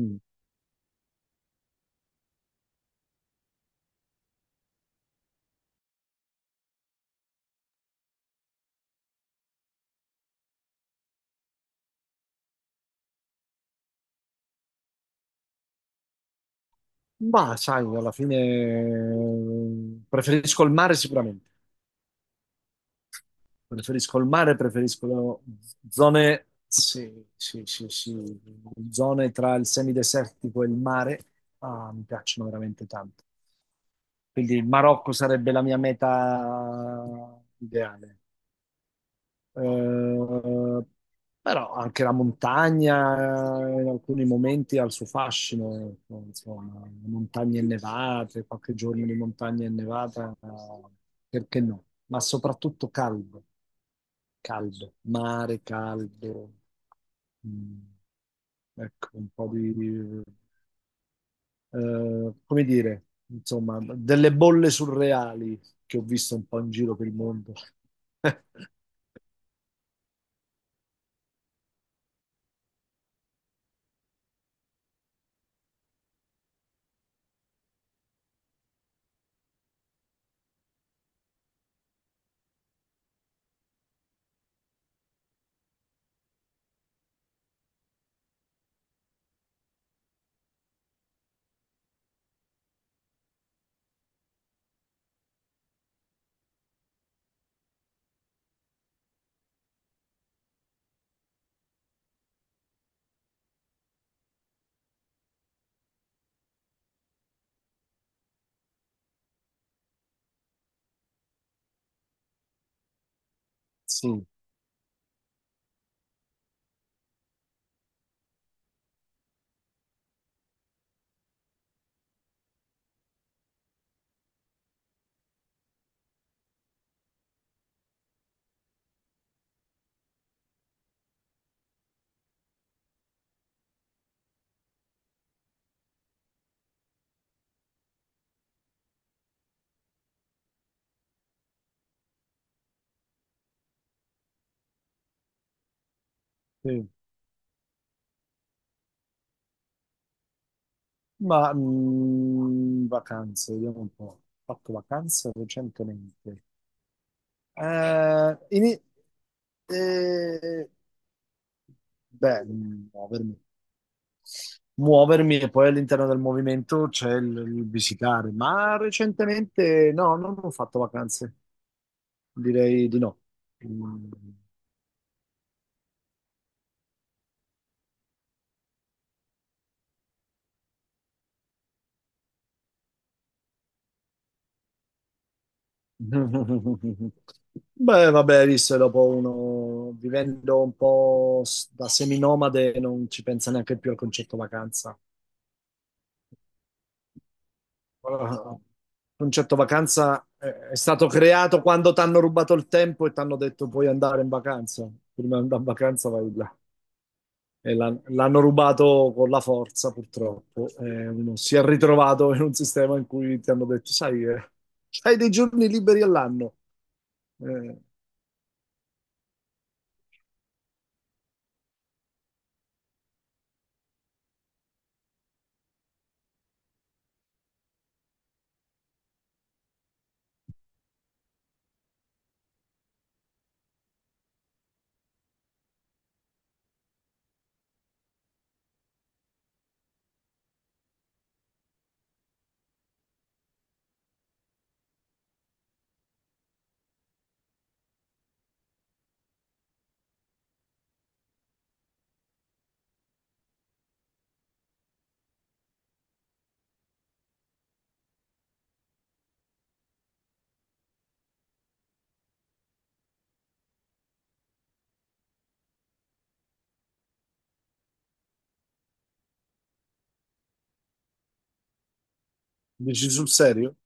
Mm. Ma sai, alla fine preferisco il mare sicuramente. Preferisco il mare, preferisco zone, sì, sì, sì, sì, zone tra il semidesertico e il mare. Ah, mi piacciono veramente tanto. Quindi il Marocco sarebbe la mia meta ideale. Eh, Però anche la montagna in alcuni momenti ha il suo fascino, ecco, insomma, le montagne innevate, qualche giorno di montagna innevata, perché no? Ma soprattutto caldo, caldo, mare caldo, mm, ecco, come dire, insomma, delle bolle surreali che ho visto un po' in giro per il mondo. Sì, sì. Ma vacanze, vediamo un po'. Ho fatto vacanze recentemente. Eh, ini- eh, beh, muovermi. Muovermi e poi all'interno del movimento c'è il visitare, ma recentemente no, non ho fatto vacanze, direi di no. Mm. Beh, vabbè, visto che dopo uno vivendo un po' da seminomade non ci pensa neanche più al concetto vacanza. Il concetto vacanza è stato creato quando ti hanno rubato il tempo e ti hanno detto puoi andare in vacanza. Prima di andare in vacanza vai là. E l'hanno rubato con la forza, purtroppo. E uno si è ritrovato in un sistema in cui ti hanno detto, sai, hai dei giorni liberi all'anno. Eh, dici sul serio?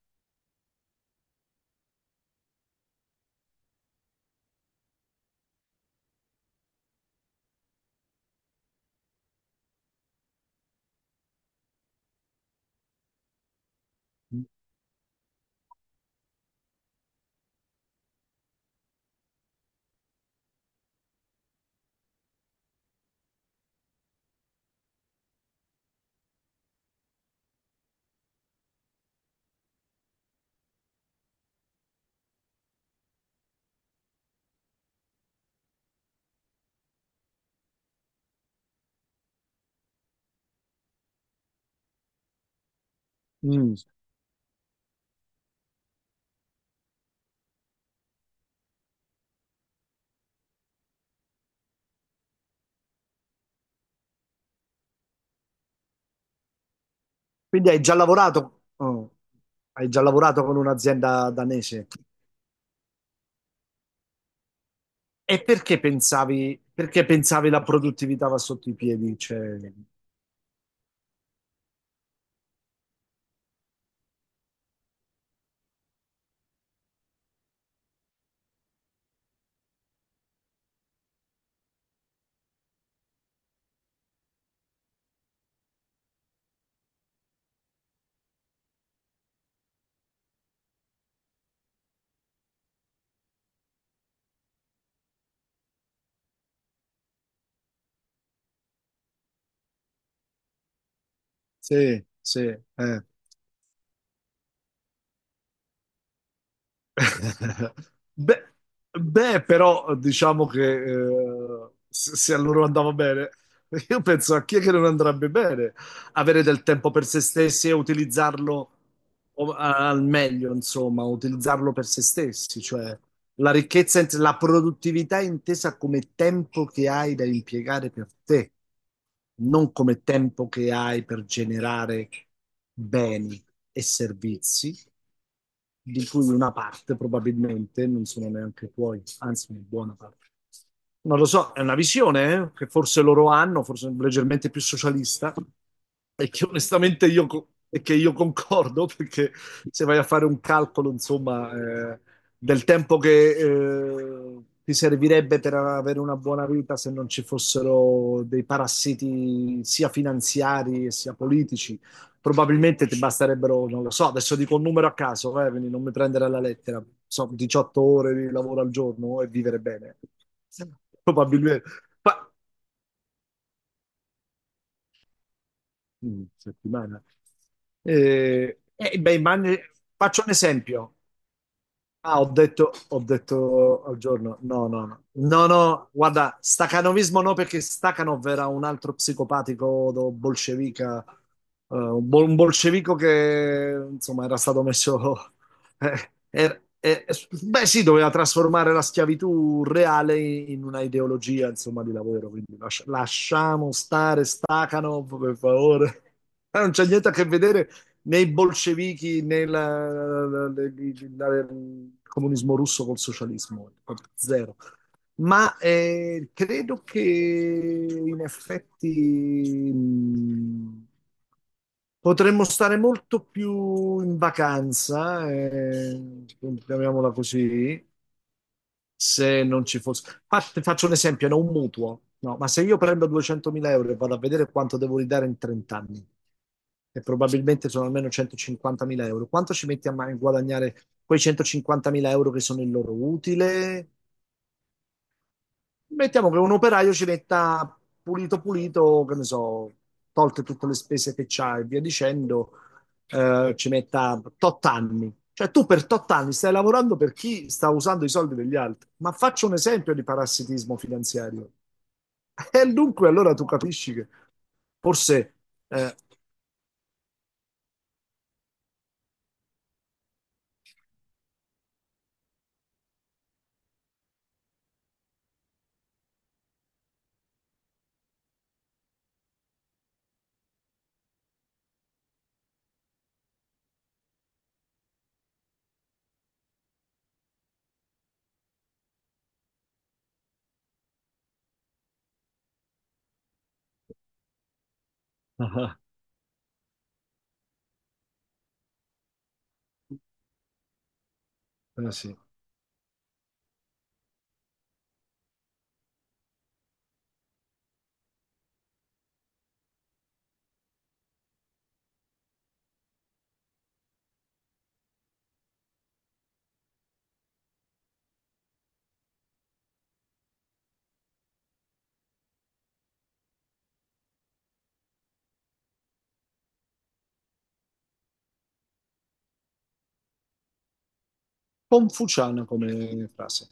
Mm. Quindi hai già lavorato, oh, hai già lavorato con un'azienda danese. E perché pensavi la produttività va sotto i piedi? Cioè, sì, sì, eh. Beh, beh, però diciamo che se a loro andava bene, io penso a chi è che non andrebbe bene avere del tempo per se stessi e utilizzarlo al meglio, insomma, utilizzarlo per se stessi, cioè la ricchezza, la produttività intesa come tempo che hai da impiegare per te, non come tempo che hai per generare beni e servizi di cui una parte probabilmente non sono neanche tuoi, anzi una buona parte. Non lo so, è una visione che forse loro hanno, forse leggermente più socialista, e che onestamente e che io concordo, perché se vai a fare un calcolo, insomma, eh, del tempo che ti servirebbe per avere una buona vita se non ci fossero dei parassiti sia finanziari e sia politici, probabilmente ti basterebbero, non lo so, adesso dico un numero a caso, quindi non mi prendere alla lettera, so, 18 ore di lavoro al giorno e vivere bene. Probabilmente. Ma settimana. Beh, faccio un esempio. Ah, ho detto al giorno, no, no, no, no, no, guarda, stacanovismo no perché Stakhanov era un altro psicopatico bolscevica, un bolscevico che insomma era stato messo. eh, er- eh, Beh sì, doveva trasformare la schiavitù reale in una ideologia insomma di lavoro, quindi lasciamo stare Stakhanov per favore. Non c'è niente a che vedere né i bolscevichi né il comunismo russo col socialismo, proprio zero. Ma credo che in effetti potremmo stare molto più in vacanza, chiamiamola così, se non ci fosse... Ah, ti faccio un esempio, no, un mutuo. No, ma se io prendo 200.000 euro e vado a vedere quanto devo ridare in 30 anni, e probabilmente sono almeno 150.000 euro, quanto ci metti a guadagnare quei 150.000 euro che sono il loro utile. Mettiamo che un operaio ci metta pulito pulito, che ne so, tolte tutte le spese che c'ha e via dicendo, ci metta tot anni. Cioè tu per tot anni stai lavorando per chi sta usando i soldi degli altri. Ma faccio un esempio di parassitismo finanziario. E dunque allora tu capisci che forse eh, ah, ah, eh sì, confuciana come frase.